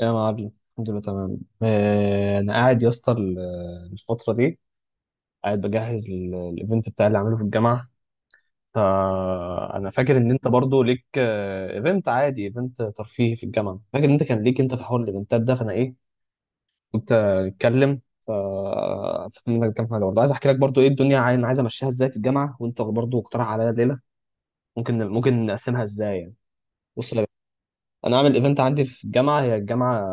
يا معلم، الحمد لله تمام. انا قاعد يا اسطى الفتره دي قاعد بجهز الايفنت بتاعي اللي عامله في الجامعه. فانا فاكر ان انت برضو ليك ايفنت عادي، ايفنت ترفيهي في الجامعه. فاكر ان انت كان ليك انت في حوار الايفنتات ده. فانا ايه كنت اتكلم. فافتكر منك كام حاجه، برضو عايز احكي لك برضو ايه الدنيا انا عايز امشيها ازاي في الجامعه، وانت برضو اقترح عليا ليله ممكن نقسمها ازاي يعني. بص يا باشا، انا اعمل ايفنت عندي في الجامعه. هي الجامعه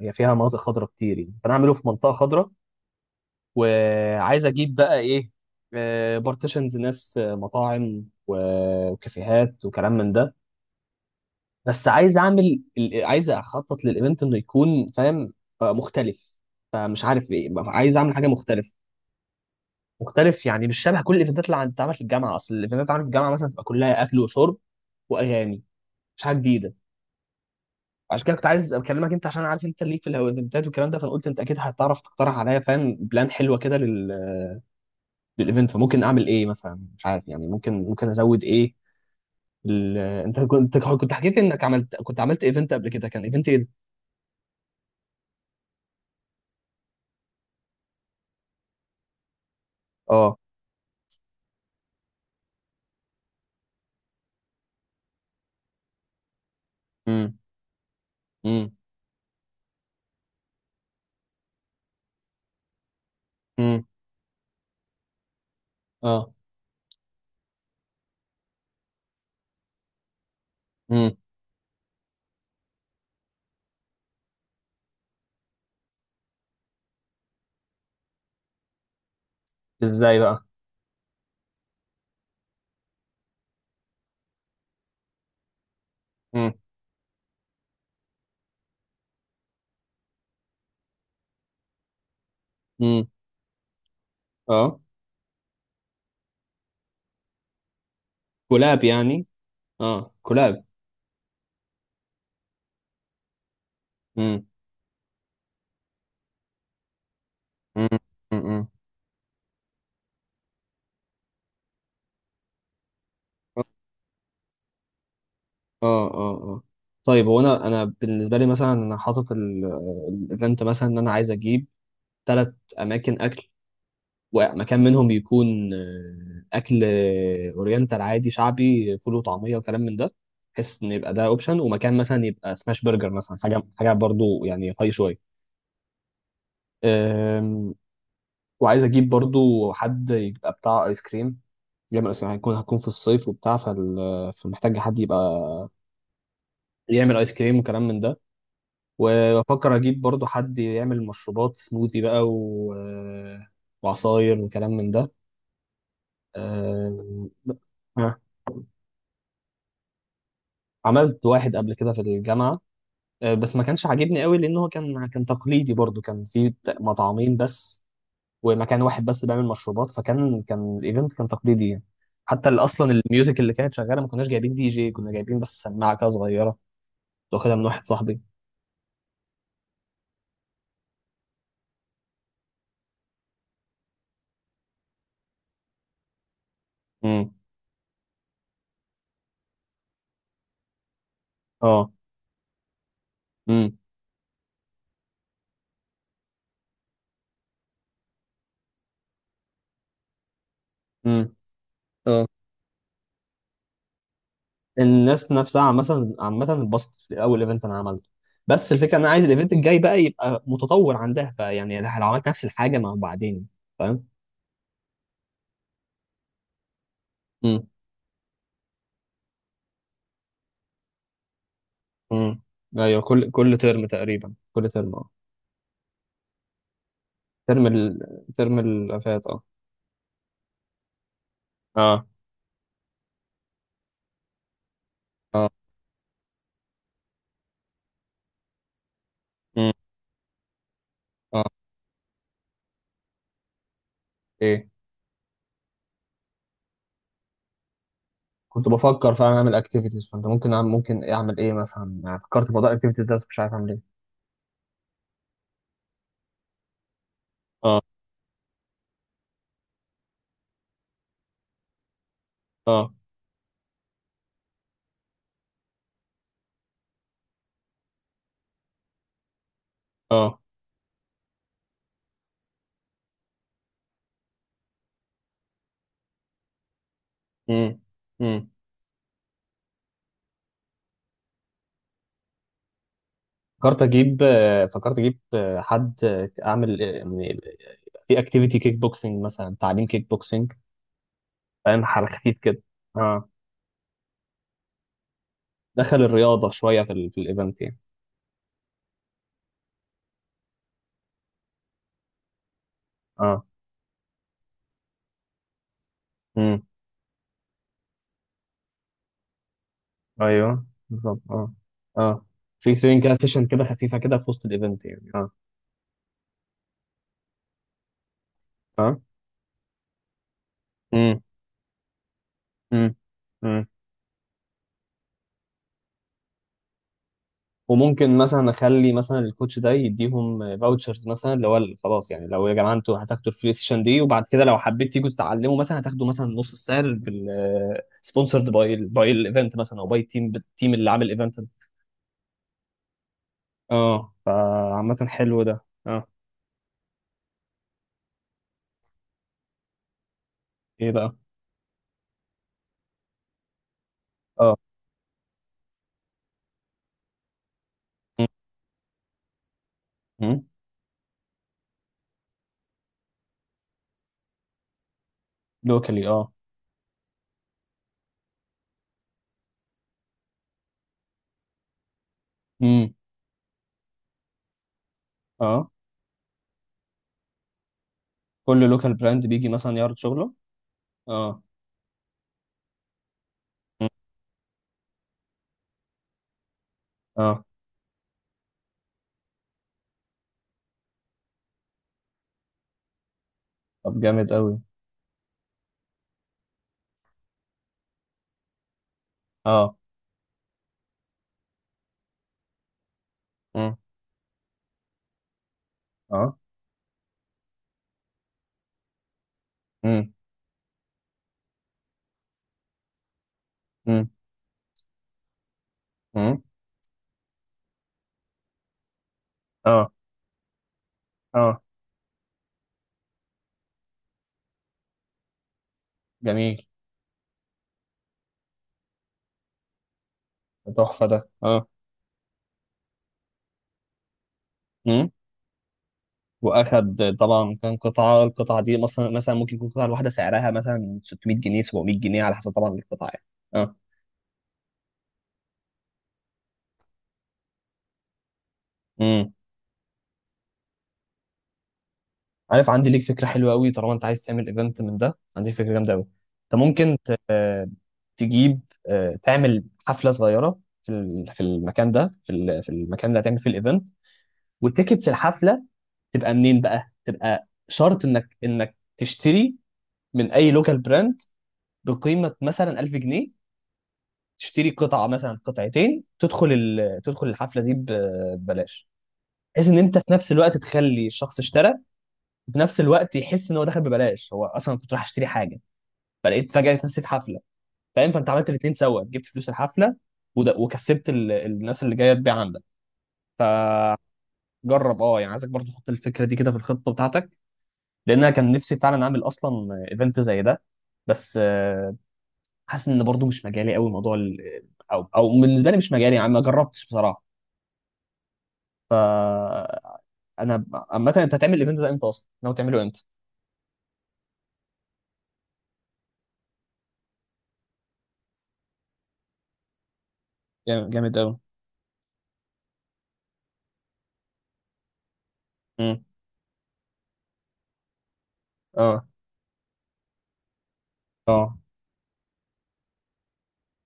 هي فيها مناطق خضراء كتير، يعني فانا اعمله في منطقه خضراء، وعايز اجيب بقى ايه بارتيشنز، ناس مطاعم وكافيهات وكلام من ده. بس عايز اعمل عايز اخطط للايفنت انه يكون فاهم مختلف، فمش عارف ايه. عايز اعمل حاجه مختلفه، مختلف يعني مش شبه كل الايفنتات اللي بتتعمل في الجامعه. اصل الايفنتات اللي بتتعمل في الجامعه مثلا تبقى كلها اكل وشرب واغاني، مش حاجه جديده. عشان كده كنت عايز اكلمك انت، عشان عارف انت ليك في الايفنتات والكلام ده. فانا قلت انت اكيد هتعرف تقترح عليا، فاهم، بلان حلوه كده للايفنت. فممكن اعمل ايه مثلا؟ مش عارف يعني، ممكن ازود ايه. انت كنت حكيت لي انك كنت عملت ايفنت قبل كده، كان ايفنت ايه ده؟ اه. امم. امم. امم. اه. امم. ازاي بقى؟ امم. امم. اه. كولاب يعني؟ اه، كولاب. امم. امم. امم. اه. اه. اه. طيب، هو انا بالنسبه لي مثلا، انا حاطط الايفنت مثلا ان انا عايز اجيب ثلاث اماكن اكل، ومكان منهم يكون اكل اورينتال عادي، شعبي، فول وطعميه وكلام من ده، بحيث ان يبقى ده اوبشن، ومكان مثلا يبقى سماش برجر مثلا، حاجه حاجه برضو يعني هاي شويه. آم، وعايز اجيب برضو حد يبقى بتاع ايس كريم، يعمل ايس كريم، هكون في الصيف وبتاع فمحتاج حد يبقى يعمل ايس كريم وكلام من ده. وبفكر اجيب برضو حد يعمل مشروبات سموذي بقى وعصاير وكلام من ده. آم، ها. عملت واحد قبل كده في الجامعة، بس ما كانش عاجبني قوي، لأن هو كان تقليدي، برضو كان في مطعمين بس، ومكان واحد بس بيعمل مشروبات. فكان الإيفنت كان تقليدي يعني. حتى أصلا الميوزك اللي كانت شغالة، ما كناش جايبين دي جي، كنا جايبين بس سماعة كده صغيرة، كنت واخدها من واحد صاحبي. امم. اه. امم. امم. اه. الناس نفسها مثلا عامة اتبسطت في أول إيفنت أنا عملته، بس الفكرة أنا عايز الإيفنت الجاي بقى يبقى متطور عندها. فيعني لو عملت نفس الحاجة، ما هو بعدين. فاهم؟ امم. ايوه، كل ترم تقريبا، كل ترم اه. ترم ال... ترم اللي فات اه. اه. اه. مم. اه. ايه. كنت بفكر فعلا اعمل اكتيفيتيز، فانت ممكن اعمل ايه مثلا يعني؟ فكرت في موضوع الاكتيفيتيز ده، بس مش عارف اعمل ايه. اه. اه. اه. امم. امم. فكرت اجيب حد اعمل يعني في اكتيفيتي كيك بوكسنج مثلا، تعليم كيك بوكسنج، فاهم، حاجه خفيف كده. اه، دخل الرياضه شويه في في الايفنت يعني. اه. ايوه، بالظبط. اه. اه. في سوينج كده، سيشن كده خفيفه كده في وسط الايفنت يعني، اه. امم. امم. امم. وممكن مثلا اخلي مثلا الكوتش ده يديهم فاوتشرز مثلا، اللي هو خلاص، يعني لو يا جماعه انتوا هتاخدوا الفري سيشن دي، وبعد كده لو حبيت تيجوا تتعلموا، مثلا هتاخدوا مثلا نص السعر، بال... سبونسرد باي باي الايفنت مثلا، او باي التيم اللي عامل الايفنت ده. اه، فعامه حلو ده اه. ايه بقى؟ اه، لوكالي اه. امم. اه. كل لوكال براند بيجي مثلا يعرض شغله. اه. مم. اه. طب جامد قوي. اه. مم. اه. مم. مم. مم. اه. اه. جميل. تحفة ده اه. مم. واخد طبعا، كان القطعة دي مثلا ممكن يكون القطعة الواحدة سعرها مثلا 600 جنيه، 700 جنيه، على حسب طبعا القطعة يعني. اه. مم. عارف، عندي ليك فكرة حلوة قوي، طالما انت عايز تعمل ايفنت من ده، عندي فكرة جامدة قوي. انت ممكن تجيب آه، تعمل حفلة صغيرة في في المكان ده، في في المكان اللي هتعمل فيه الايفنت، والتيكتس الحفلة تبقى منين بقى؟ تبقى شرط انك تشتري من اي لوكال براند بقيمه مثلا 1000 جنيه، تشتري قطعه مثلا، قطعتين، تدخل الحفله دي ببلاش، بحيث ان انت في نفس الوقت تخلي الشخص اشترى، وفي نفس الوقت يحس ان هو دخل ببلاش. هو اصلا كنت رايح اشتري حاجه، فلقيت فجاه لقيت نفسي في حفله، فاهم؟ فانت عملت الاثنين سوا، جبت فلوس الحفله وده، وكسبت الناس اللي جايه تبيع عندك. فجرب، اه يعني، عايزك برضه تحط الفكره دي كده في الخطه بتاعتك، لان انا كان نفسي فعلا اعمل اصلا ايفنت زي ده. بس حاسس ان برضو مش مجالي قوي موضوع او بالنسبه لي مش مجالي يعني، ما جربتش بصراحه. ف انا عامه، انت هتعمل الايفنت ده امتى اصلا؟ ناوي تعمله امتى؟ جامد، جامد قوي. امم. اه. اه.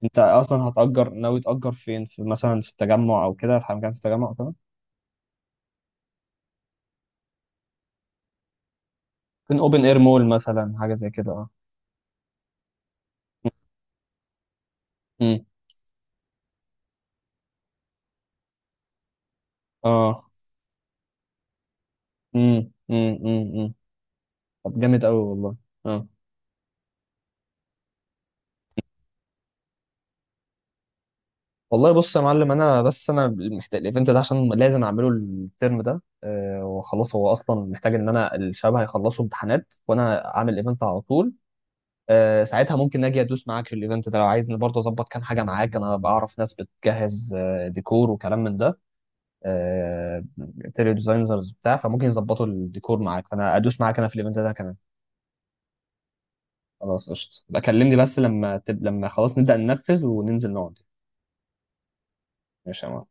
انت اصلا ناوي تأجر فين؟ في مثلا في التجمع او كده، في مكان في التجمع او كده؟ ممكن اوبن اير مول مثلا، حاجه زي كده اه. امم. اه. امم. امم. امم. طب جامد قوي والله. اه. والله بص يا معلم، انا بس انا محتاج الايفنت ده عشان لازم اعمله الترم ده، وخلاص. هو اصلا محتاج ان الشباب هيخلصوا امتحانات وانا اعمل ايفنت على طول. ساعتها ممكن اجي ادوس معاك في الايفنت ده لو عايزني، برضه اظبط كام حاجه معاك. انا بعرف ناس بتجهز ديكور وكلام من ده. أه، انتيريور ديزاينرز بتاع، فممكن يظبطوا الديكور معاك، فانا ادوس معاك انا في الايفنت ده كمان. خلاص قشطه، بكلمني بس لما لما خلاص نبدا ننفذ وننزل نقعد. ماشي يا معلم